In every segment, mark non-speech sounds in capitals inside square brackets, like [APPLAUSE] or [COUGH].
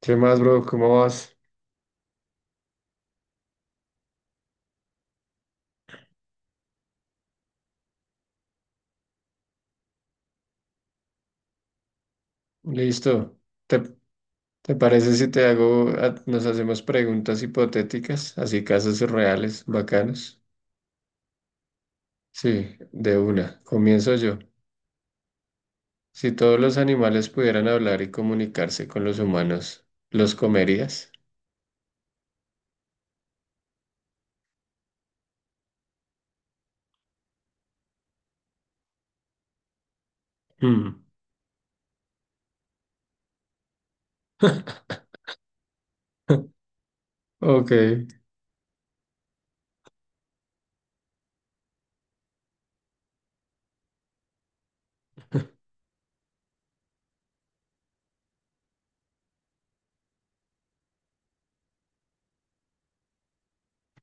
¿Qué más, bro? ¿Cómo vas? Listo. ¿Te, te parece si te hago, nos hacemos preguntas hipotéticas, así casos reales, bacanos? Sí, de una. Comienzo yo. Si todos los animales pudieran hablar y comunicarse con los humanos, ¿los comerías? Mm. [LAUGHS] Ok,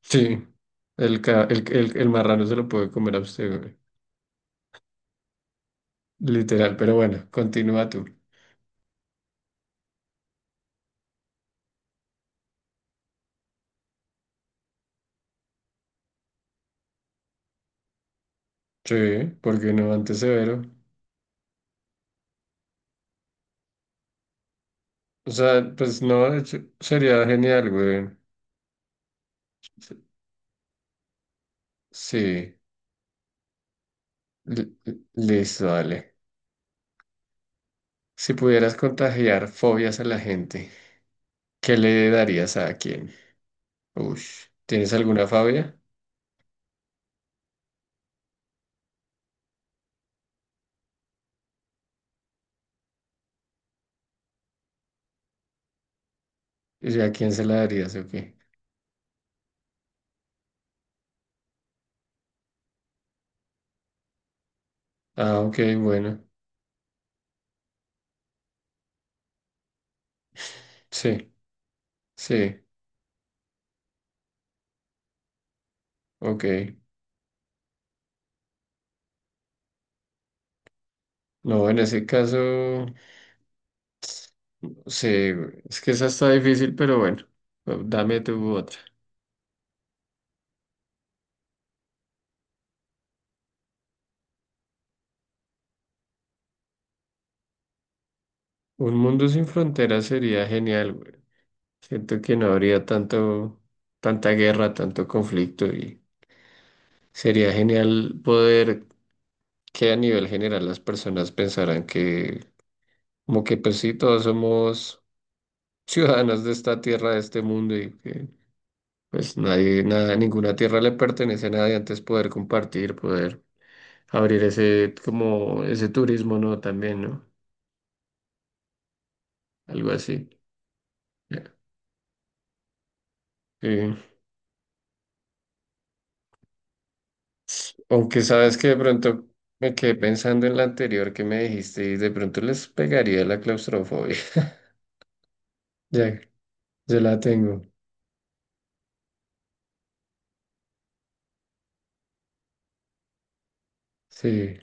sí. El, ca- el marrano se lo puede comer a usted, güey. Literal, pero bueno, continúa tú. Sí, porque no antes severo. O sea, pues no, de hecho, sería genial, güey. Sí, li- listo, dale. Si pudieras contagiar fobias a la gente, ¿qué le darías a quién? Ush, ¿tienes alguna fobia? ¿Y a quién se la darías o qué? Ah, ok, bueno. Sí, sí, ok. No, en ese caso, sí, güey, es que esa está difícil, pero bueno, dame tu otra. Un mundo sin fronteras sería genial, güey. Siento que no habría tanta guerra, tanto conflicto y sería genial poder que a nivel general las personas pensaran que como que pues sí, todos somos [LAUGHS] ciudadanos de esta tierra, de este mundo y que pues nadie, nada, ninguna tierra le pertenece a nadie, antes poder compartir, poder abrir ese como ese turismo, ¿no? También, ¿no? Algo así. Ya. Sí. Aunque sabes que de pronto me quedé pensando en la anterior que me dijiste y de pronto les pegaría la claustrofobia. [LAUGHS] Ya, ya la tengo. Sí.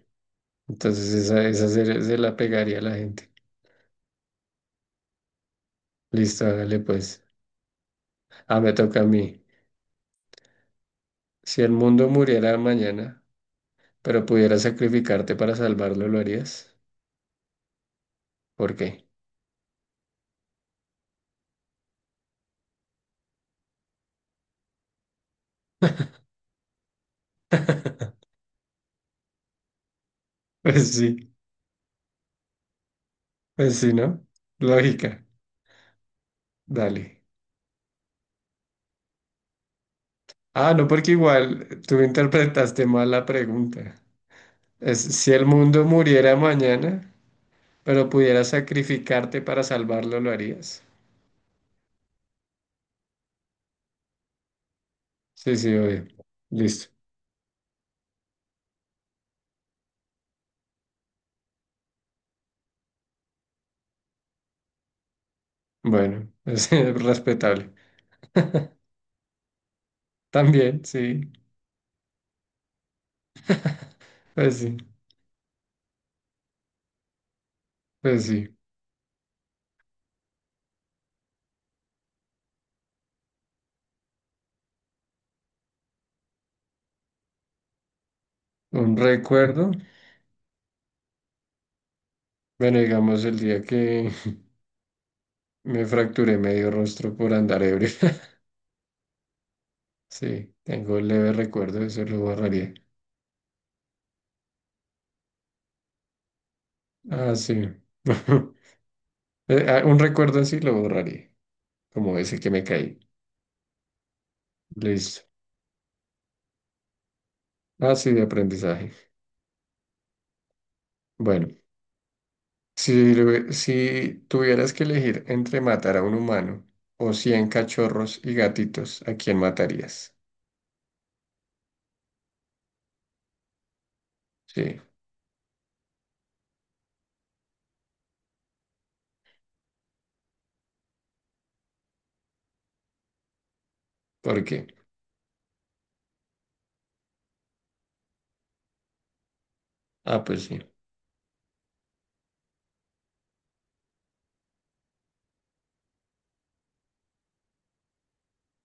Entonces se la pegaría a la gente. Listo, hágale pues. Ah, me toca a mí. Si el mundo muriera mañana, pero pudieras sacrificarte para salvarlo, ¿lo harías? ¿Por qué? [LAUGHS] Pues sí, pues sí, ¿no? Lógica. Dale. Ah, no, porque igual tú interpretaste mal la pregunta. Es, si el mundo muriera mañana. Pero pudieras sacrificarte para salvarlo, ¿lo harías? Sí, sí, obvio. Listo. Bueno, [LAUGHS] es respetable. También, sí. Pues sí, pues sí. Un recuerdo. Bueno, digamos el día que [LAUGHS] me fracturé medio rostro por andar ebrio. [LAUGHS] Sí, tengo un leve recuerdo, eso lo borraría. Ah, sí. [LAUGHS] Un recuerdo así lo borraría, como ese que me caí. Listo. Ah, sí, de aprendizaje. Bueno. Si tuvieras que elegir entre matar a un humano o 100 cachorros y gatitos, ¿a quién matarías? Sí, ¿por qué? Ah, pues sí.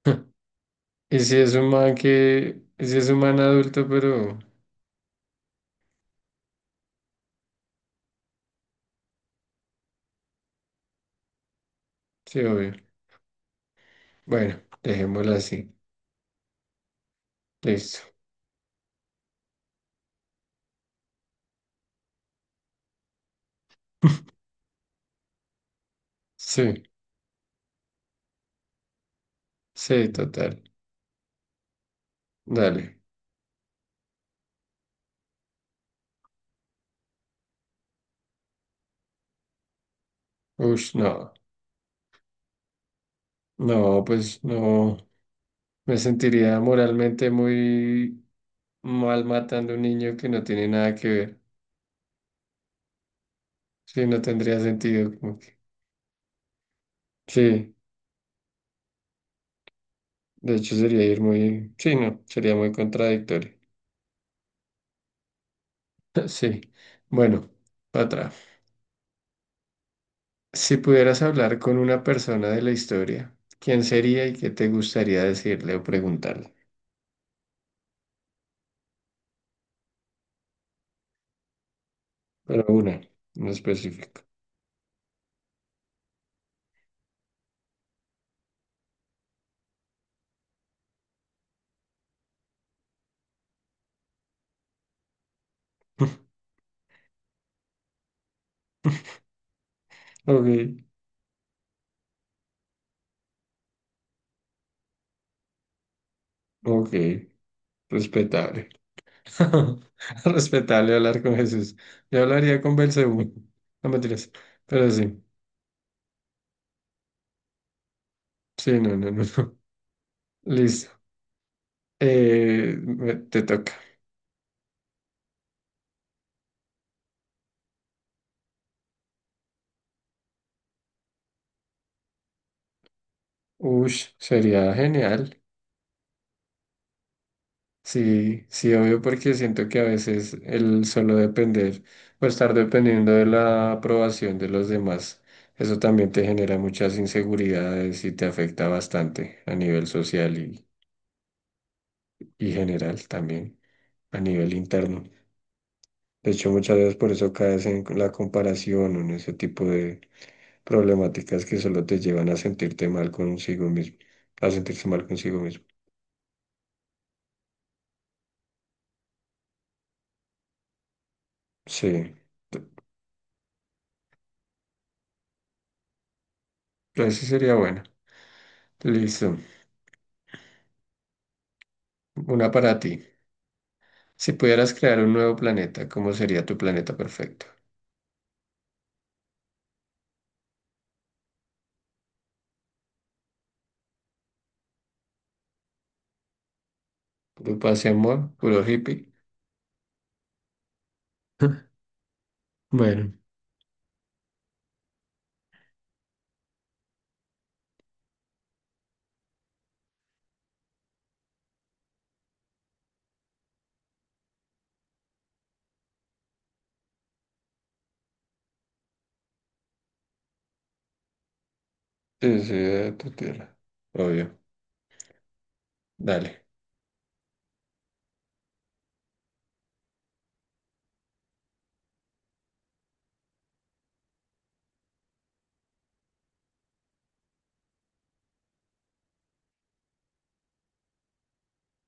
[LAUGHS] ¿Y si es un man adulto, pero... Sí, obvio. Bueno, dejémoslo así. Listo. Sí, sí, total. Dale. Ush, no. No, pues no. Me sentiría moralmente muy mal matando a un niño que no tiene nada que ver. Sí, no tendría sentido. Como que. Sí, de hecho sería ir muy, sí, no, sería muy contradictorio. [LAUGHS] Sí, bueno, para atrás. Si pudieras hablar con una persona de la historia, ¿quién sería y qué te gustaría decirle o preguntarle? Pero una, no específico. [LAUGHS] Ok, ok, respetable. [LAUGHS] Respetable hablar con Jesús. Yo hablaría con Belcebú. No mentiras, pero sí, sí, no. [LAUGHS] Listo. Te toca. Ush, sería genial. Sí, sí, obvio, porque siento que a veces el solo depender o estar dependiendo de la aprobación de los demás, eso también te genera muchas inseguridades y te afecta bastante a nivel social y general también, a nivel interno. De hecho, muchas veces por eso caes en la comparación o en ese tipo de problemáticas que solo te llevan a sentirte mal consigo mismo, a sentirse mal consigo mismo. Sí, ese sería bueno. Listo, una para ti. Si pudieras crear un nuevo planeta, ¿cómo sería tu planeta perfecto? ¿Puro paz y amor? ¿Puro hippie? [LAUGHS] Bueno, ese de tu tierra. Obvio. Dale.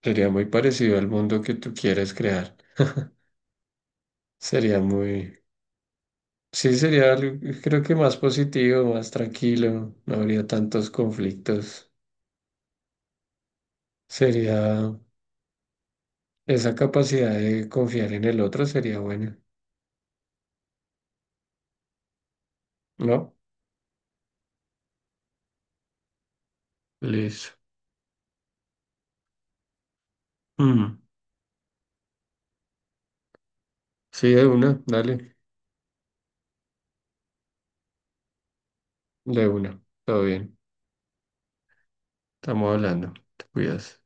Sería muy parecido al mundo que tú quieres crear. [LAUGHS] Sería muy... Sí, sería algo, creo que más positivo, más tranquilo, no habría tantos conflictos. Sería... Esa capacidad de confiar en el otro sería buena, ¿no? Listo. Mm. Sí, de una, dale, de una, todo bien. Estamos hablando. Te cuidas.